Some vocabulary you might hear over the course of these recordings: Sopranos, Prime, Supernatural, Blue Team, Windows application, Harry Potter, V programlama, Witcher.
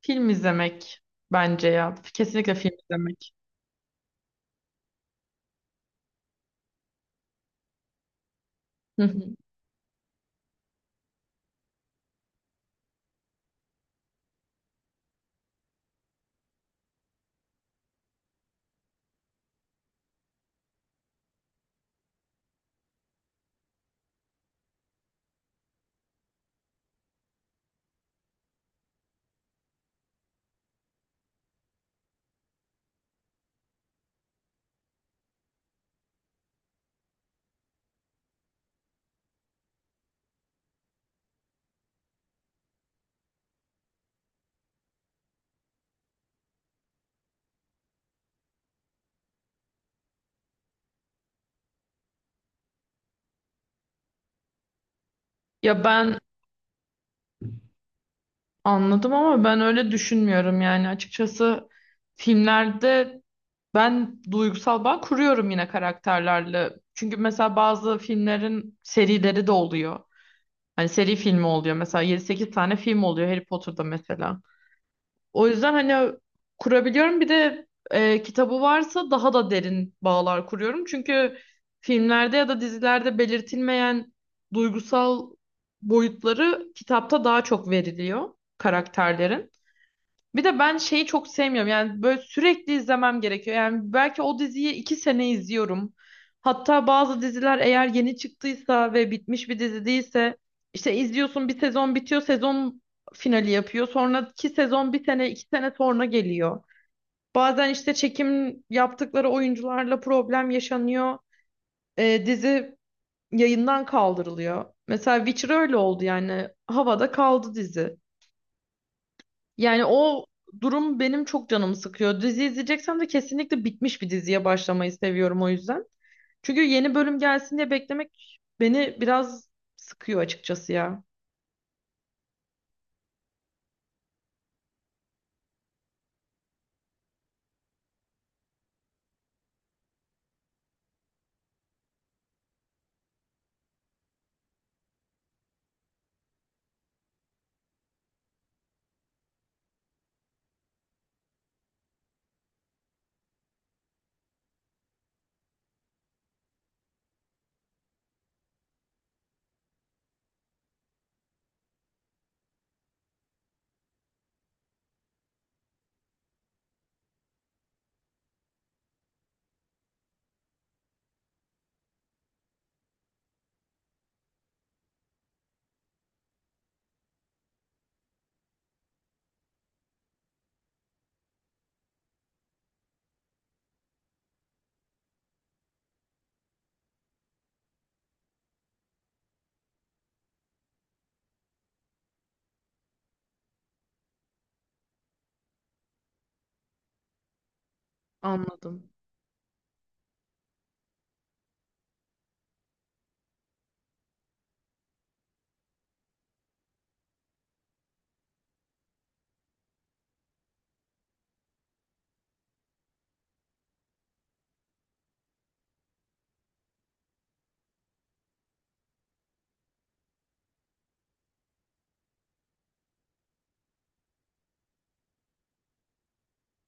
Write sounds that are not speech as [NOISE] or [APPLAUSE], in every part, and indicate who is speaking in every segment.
Speaker 1: Film izlemek bence ya. Kesinlikle film izlemek. Hı hı. Ya ben anladım ama ben öyle düşünmüyorum yani açıkçası filmlerde ben duygusal bağ kuruyorum yine karakterlerle. Çünkü mesela bazı filmlerin serileri de oluyor. Hani seri filmi oluyor. Mesela yedi sekiz tane film oluyor Harry Potter'da mesela. O yüzden hani kurabiliyorum. Bir de kitabı varsa daha da derin bağlar kuruyorum. Çünkü filmlerde ya da dizilerde belirtilmeyen duygusal boyutları kitapta daha çok veriliyor karakterlerin. Bir de ben şeyi çok sevmiyorum. Yani böyle sürekli izlemem gerekiyor. Yani belki o diziyi iki sene izliyorum. Hatta bazı diziler eğer yeni çıktıysa ve bitmiş bir dizi değilse işte izliyorsun bir sezon bitiyor, sezon finali yapıyor. Sonraki sezon bir sene, iki sene sonra geliyor. Bazen işte çekim yaptıkları oyuncularla problem yaşanıyor. Dizi yayından kaldırılıyor. Mesela Witcher öyle oldu yani. Havada kaldı dizi. Yani o durum benim çok canımı sıkıyor. Dizi izleyeceksem de kesinlikle bitmiş bir diziye başlamayı seviyorum o yüzden. Çünkü yeni bölüm gelsin diye beklemek beni biraz sıkıyor açıkçası ya. Anladım.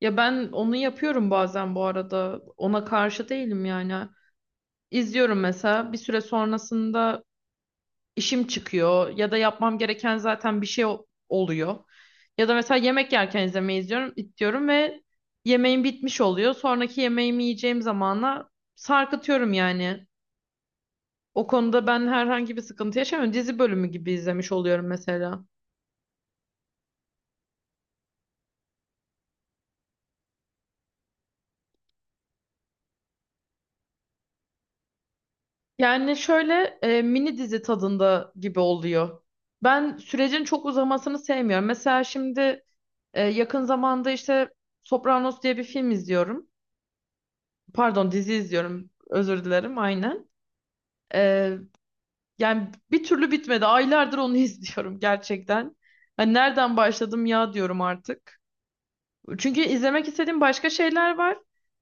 Speaker 1: Ya ben onu yapıyorum bazen bu arada. Ona karşı değilim yani. İzliyorum mesela bir süre sonrasında işim çıkıyor ya da yapmam gereken zaten bir şey oluyor. Ya da mesela yemek yerken izlemeyi izliyorum, diyorum ve yemeğim bitmiş oluyor. Sonraki yemeğimi yiyeceğim zamana sarkıtıyorum yani. O konuda ben herhangi bir sıkıntı yaşamıyorum. Dizi bölümü gibi izlemiş oluyorum mesela. Yani şöyle mini dizi tadında gibi oluyor. Ben sürecin çok uzamasını sevmiyorum. Mesela şimdi yakın zamanda işte Sopranos diye bir film izliyorum. Pardon dizi izliyorum. Özür dilerim aynen. Ee, yani bir türlü bitmedi. Aylardır onu [LAUGHS] izliyorum gerçekten. Hani nereden başladım ya diyorum artık. Çünkü izlemek istediğim başka şeyler var.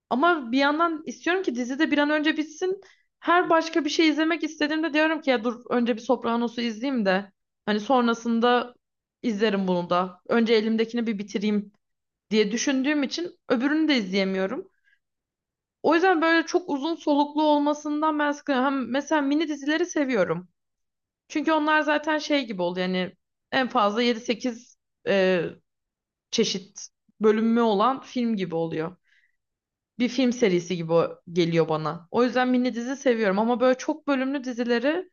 Speaker 1: Ama bir yandan istiyorum ki dizi de bir an önce bitsin. Her başka bir şey izlemek istediğimde diyorum ki ya dur önce bir Sopranos'u izleyeyim de. Hani sonrasında izlerim bunu da. Önce elimdekini bir bitireyim diye düşündüğüm için öbürünü de izleyemiyorum. O yüzden böyle çok uzun soluklu olmasından ben sıkılıyorum. Hem mesela mini dizileri seviyorum. Çünkü onlar zaten şey gibi oldu yani en fazla yedi sekiz e, çeşit bölümü olan film gibi oluyor. Bir film serisi gibi geliyor bana. O yüzden mini dizi seviyorum ama böyle çok bölümlü dizileri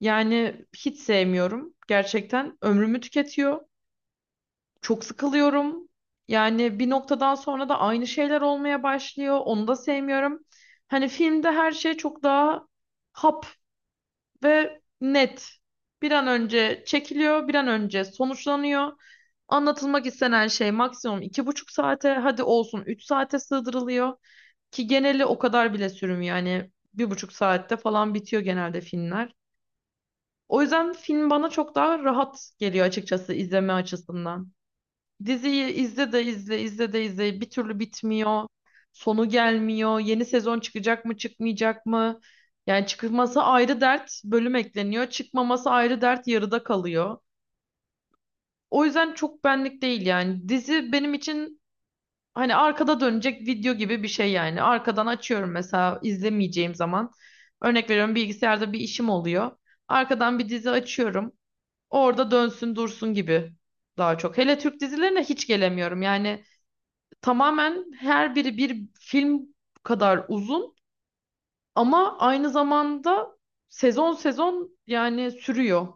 Speaker 1: yani hiç sevmiyorum. Gerçekten ömrümü tüketiyor. Çok sıkılıyorum. Yani bir noktadan sonra da aynı şeyler olmaya başlıyor. Onu da sevmiyorum. Hani filmde her şey çok daha hap ve net. Bir an önce çekiliyor, bir an önce sonuçlanıyor. Anlatılmak istenen şey maksimum iki buçuk saate, hadi olsun üç saate sığdırılıyor. Ki geneli o kadar bile sürmüyor. Yani bir buçuk saatte falan bitiyor genelde filmler. O yüzden film bana çok daha rahat geliyor açıkçası izleme açısından. Diziyi izle de izle, izle de izle. Bir türlü bitmiyor. Sonu gelmiyor. Yeni sezon çıkacak mı, çıkmayacak mı? Yani çıkması ayrı dert, bölüm ekleniyor. Çıkmaması ayrı dert, yarıda kalıyor. O yüzden çok benlik değil yani. Dizi benim için hani arkada dönecek video gibi bir şey yani. Arkadan açıyorum mesela izlemeyeceğim zaman. Örnek veriyorum bilgisayarda bir işim oluyor. Arkadan bir dizi açıyorum. Orada dönsün dursun gibi daha çok. Hele Türk dizilerine hiç gelemiyorum. Yani tamamen her biri bir film kadar uzun ama aynı zamanda sezon sezon yani sürüyor.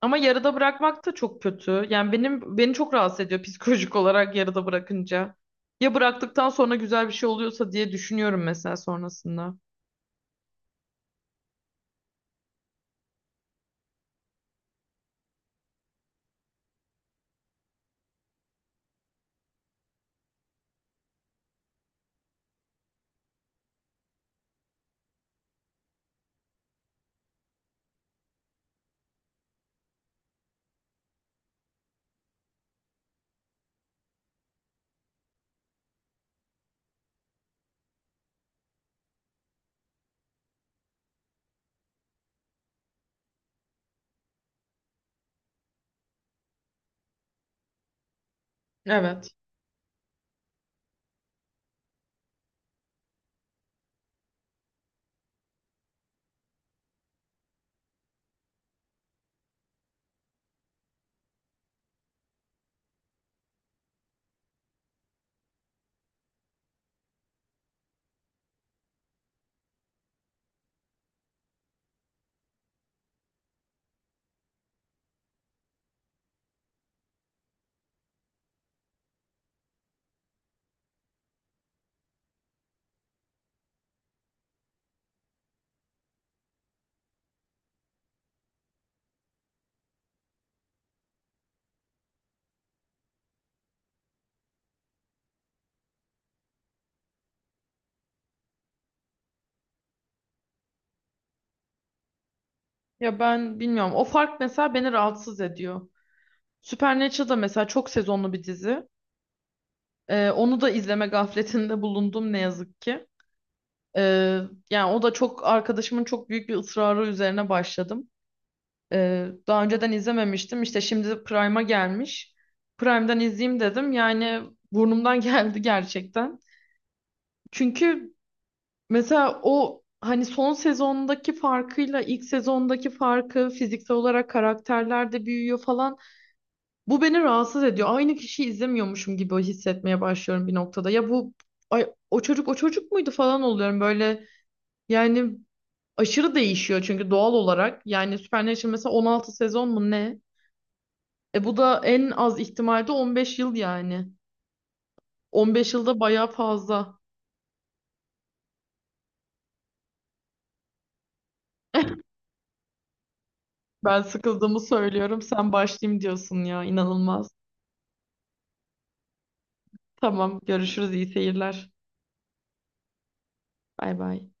Speaker 1: Ama yarıda bırakmak da çok kötü. Yani benim beni çok rahatsız ediyor psikolojik olarak yarıda bırakınca. Ya bıraktıktan sonra güzel bir şey oluyorsa diye düşünüyorum mesela sonrasında. Evet. Ya ben bilmiyorum. O fark mesela beni rahatsız ediyor. Supernatural da mesela çok sezonlu bir dizi. Onu da izleme gafletinde bulundum ne yazık ki. Ee, yani o da çok arkadaşımın çok büyük bir ısrarı üzerine başladım. Daha önceden izlememiştim. İşte şimdi Prime'a gelmiş. Prime'dan izleyeyim dedim. Yani burnumdan [LAUGHS] geldi gerçekten. Çünkü mesela o hani son sezondaki farkıyla ilk sezondaki farkı fiziksel olarak karakterler de büyüyor falan. Bu beni rahatsız ediyor. Aynı kişiyi izlemiyormuşum gibi hissetmeye başlıyorum bir noktada. Ya bu ay, o çocuk o çocuk muydu falan oluyorum böyle. Yani aşırı değişiyor çünkü doğal olarak. Yani Supernatural mesela 16 sezon mu ne? E bu da en az ihtimalde 15 yıl yani. 15 yılda bayağı fazla. Ben sıkıldığımı söylüyorum. Sen başlayayım diyorsun ya. İnanılmaz. Tamam, görüşürüz. İyi seyirler. Bay bay.